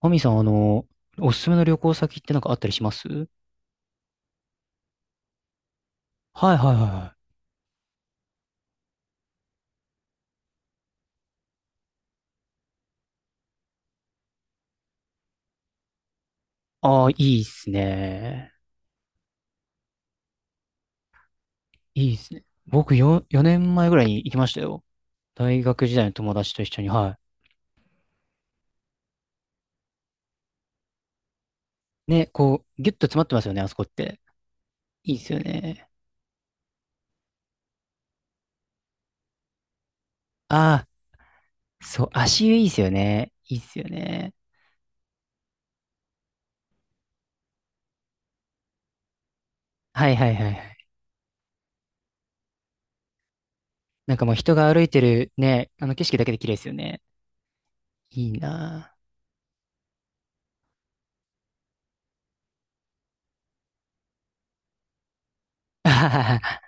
マミさん、おすすめの旅行先ってなんかあったりします？はいはいはいはい。ああー、いいっすね。いいっすね。僕4年前ぐらいに行きましたよ。大学時代の友達と一緒に、はい。ね、こう、ギュッと詰まってますよね、あそこって。いいっすよね。ああ、そう、足湯いいっすよね。いいっすよね。はいはいはいはい。なんかもう人が歩いてるね、あの景色だけで綺麗ですよね。いいなあ。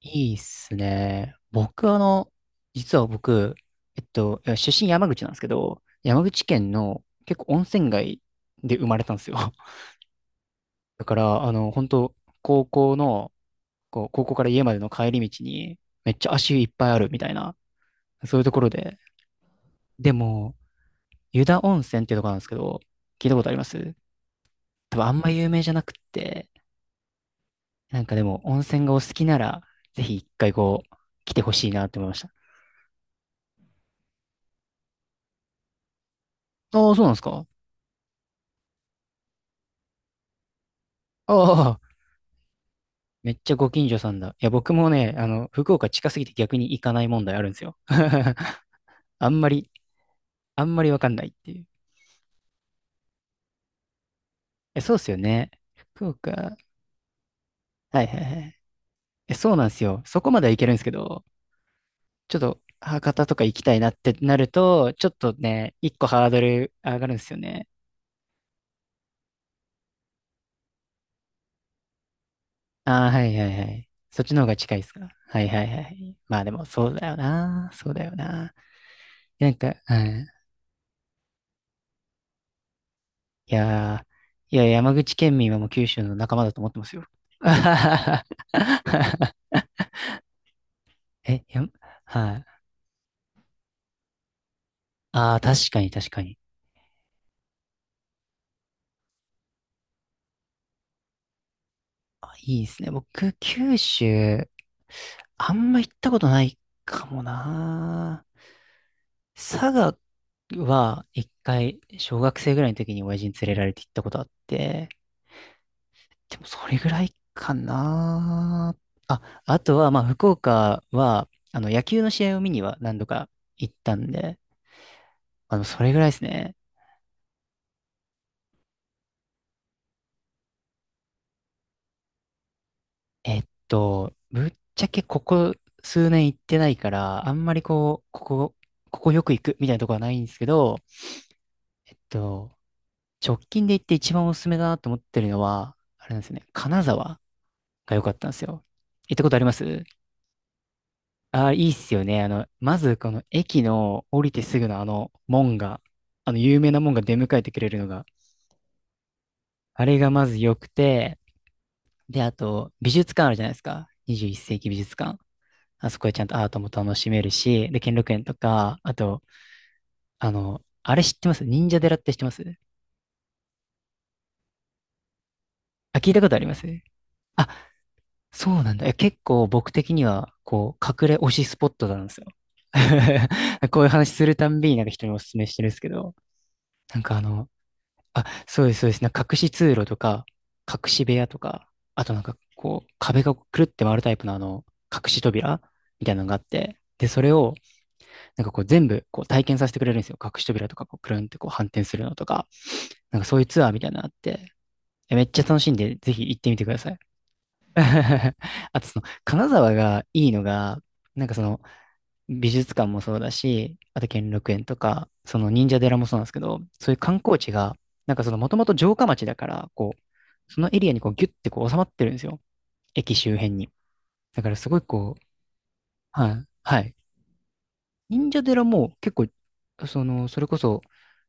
いいっすね。僕、あの、実は僕、いや出身山口なんですけど、山口県の結構温泉街で生まれたんですよ。だから、本当高校の、こう、高校から家までの帰り道に、めっちゃ足湯いっぱいあるみたいな、そういうところで。でも、湯田温泉っていうところなんですけど、聞いたことあります？多分あんま有名じゃなくって、なんかでも、温泉がお好きなら、ぜひ一回こう、来てほしいなって思いました。ああ、そうなんですか。ああ、めっちゃご近所さんだ。いや、僕もね、福岡近すぎて逆に行かない問題あるんですよ。あんまり、あんまりわかんないっていう。え、そうっすよね。福岡。はいはいはい。え、そうなんですよ。そこまでは行けるんですけど、ちょっと博多とか行きたいなってなると、ちょっとね、一個ハードル上がるんですよね。ああ、はいはいはい。そっちの方が近いですか？はいはいはい。まあでも、そうだよな。そうだよな。なんか、はいいやいや、山口県民はもう九州の仲間だと思ってますよ。え、やん、はい。ああ、確かに確かに。あ、いいですね。僕、九州、あんま行ったことないかもな。佐賀は一回、小学生ぐらいの時に親父に連れられて行ったことあって、でもそれぐらいかな。あ、あとは、まあ、福岡は、野球の試合を見には何度か行ったんで、それぐらいですね。ぶっちゃけここ数年行ってないから、あんまりこう、ここよく行くみたいなとこはないんですけど、えっと、直近で行って一番おすすめだなと思ってるのは、あれなんですよね、金沢が良かったんですよ。行ったことあります？ああー、いいっすよね。まずこの駅の降りてすぐのあの門が、あの有名な門が出迎えてくれるのが、あれがまず良くて、で、あと、美術館あるじゃないですか。21世紀美術館。あそこでちゃんとアートも楽しめるし、で、兼六園とか、あと、あの、あれ知ってます忍者寺って知ってます？あ、聞いたことあります？あ、そうなんだ。いや結構僕的には、こう、隠れ推しスポットなんですよ。こういう話するたんびになんか人にお勧めしてるんですけど、なんかあ、そうです、そうです。なんか隠し通路とか、隠し部屋とか、あとなんかこう、壁がくるって回るタイプの隠し扉みたいなのがあって、で、それをなんかこう全部こう体験させてくれるんですよ。隠し扉とかこうくるんってこう反転するのとか、なんかそういうツアーみたいなのあって、めっちゃ楽しいんで、ぜひ行ってみてください。あとその、金沢がいいのが、なんかその美術館もそうだし、あと兼六園とか、その忍者寺もそうなんですけど、そういう観光地が、なんかそのもともと城下町だから、こう、そのエリアにこうギュッてこう収まってるんですよ。駅周辺に。だからすごいこう、はい、はい。忍者寺も結構、それこそ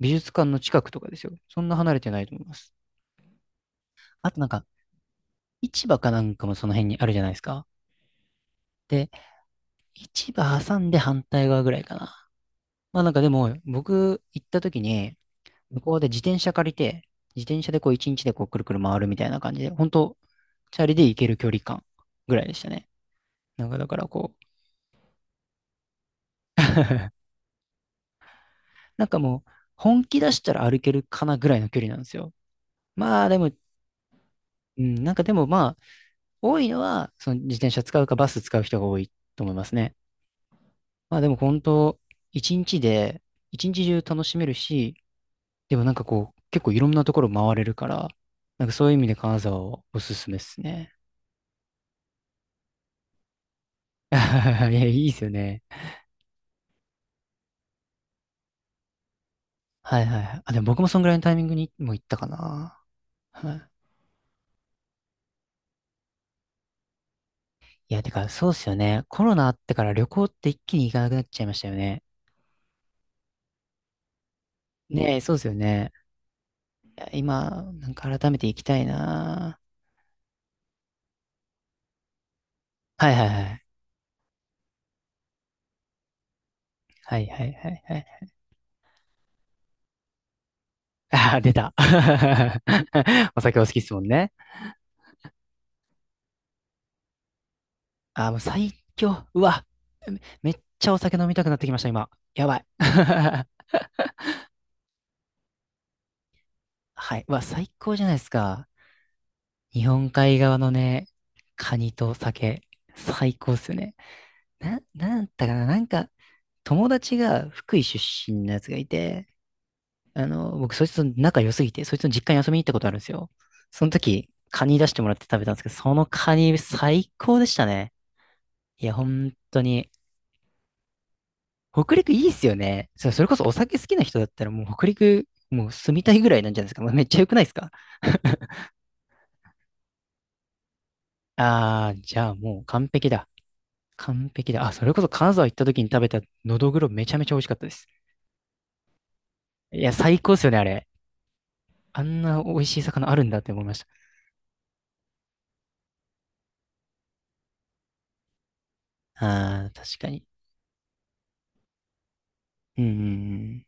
美術館の近くとかですよ。そんな離れてないと思います。あとなんか、市場かなんかもその辺にあるじゃないですか。で、市場挟んで反対側ぐらいかな。まあなんかでも、僕行った時に、向こうで自転車借りて、自転車でこう一日でこうくるくる回るみたいな感じで、本当チャリで行ける距離感ぐらいでしたね。なんかだからこう なんかもう、本気出したら歩けるかなぐらいの距離なんですよ。まあでも、うん、なんかでも多いのは、その自転車使うかバス使う人が多いと思いますね。まあでも本当、一日で、一日中楽しめるし、でもなんかこう、結構いろんなところ回れるから、なんかそういう意味で金沢はおすすめですね。いや、いいですよね。はいはいはい。あ、でも僕もそんぐらいのタイミングにも行ったかな。はい。いや、てか、そうっすよね。コロナあってから旅行って一気に行かなくなっちゃいましたよね。ねえ、そうっすよね。いや今、なんか改めて行きたいな。はいはいはい。はいはいはいはい。ああ、出た。お酒お好きっすもんね。ああ、もう最強。うわ。めっちゃお酒飲みたくなってきました、今。やばい。はい。うわ、最高じゃないですか。日本海側のね、カニと酒、最高っすよね。なんだったかな、なんか、友達が福井出身のやつがいて、僕、そいつと仲良すぎて、そいつの実家に遊びに行ったことあるんですよ。その時、カニ出してもらって食べたんですけど、そのカニ最高でしたね。いや、本当に。北陸いいっすよね。それこそお酒好きな人だったらもう北陸、もう住みたいぐらいなんじゃないですか。まあめっちゃ良くないですか？ ああ、じゃあもう完璧だ。完璧だ。あ、それこそ金沢行った時に食べたのどぐろめちゃめちゃ美味しかったです。いや、最高っすよね、あれ。あんな美味しい魚あるんだって思いました。ああ、確かに。うんうんうん。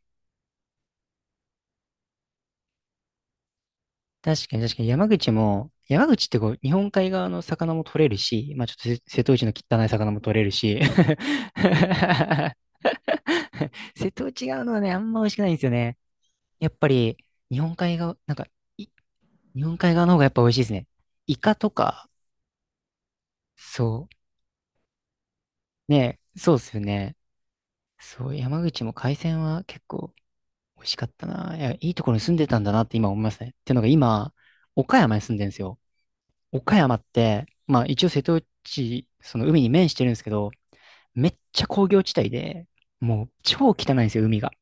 確かに確かに山口ってこう、日本海側の魚も取れるし、まあちょっと瀬戸内の汚い魚も取れるし、瀬戸内側のはね、あんま美味しくないんですよね。やっぱり、日本海側、なんか、い日本海側の方がやっぱ美味しいですね。イカとか、そう。ね、そうですよね。そう、山口も海鮮は結構美味しかったな。いや、いいところに住んでたんだなって今思いますね。っていうのが今、岡山に住んでるんですよ。岡山って、まあ一応瀬戸内、その海に面してるんですけど、めっちゃ工業地帯で、もう超汚いんですよ、海が。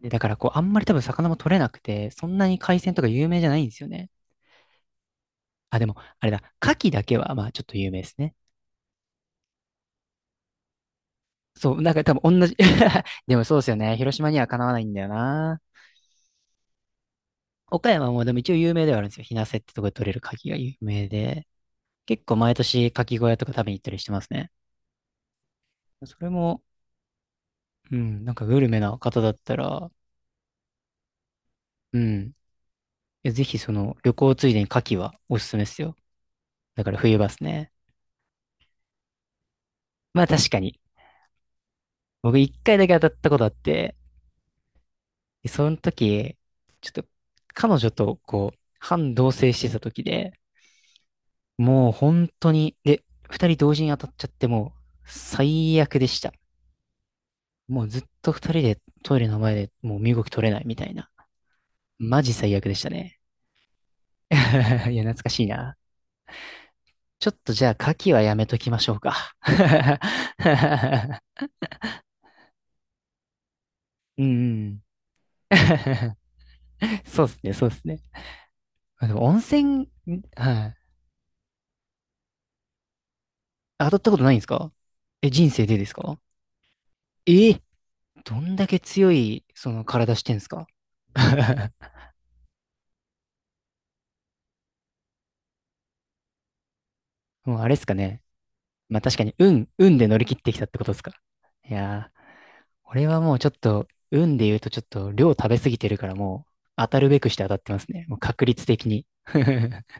で、だからこう、あんまり多分魚も取れなくて、そんなに海鮮とか有名じゃないんですよね。あ、でも、あれだ、牡蠣だけは、まあ、ちょっと有名ですね。そう、なんか多分同じ でもそうですよね。広島にはかなわないんだよな。岡山もでも一応有名ではあるんですよ。日生ってとこで取れる牡蠣が有名で。結構毎年牡蠣小屋とか食べに行ったりしてますね。それも、うん、なんかグルメな方だったら、うん、ぜひその旅行ついでに牡蠣はおすすめですよ。だから冬場ですね。まあ確かに、僕一回だけ当たったことあって、でその時、ちょっと彼女とこう、半同棲してた時で、もう本当に、で、二人同時に当たっちゃってもう最悪でした。もうずっと二人でトイレの前でもう身動き取れないみたいな。マジ最悪でしたね。いや、懐かしいな。ちょっとじゃあ、牡蠣はやめときましょうか。うん、うん。そうですね、そうですね。あ、でも温泉、はい。当たったことないんですか？え、人生でですか？え、どんだけ強い、その体してんすか？ もうあれっすかね。まあ確かに、運で乗り切ってきたってことですか？いやー、俺はもうちょっと、運で言うとちょっと量食べ過ぎてるからもう、当たるべくして当たってますね。もう確率的に。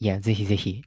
いや、ぜひぜひ。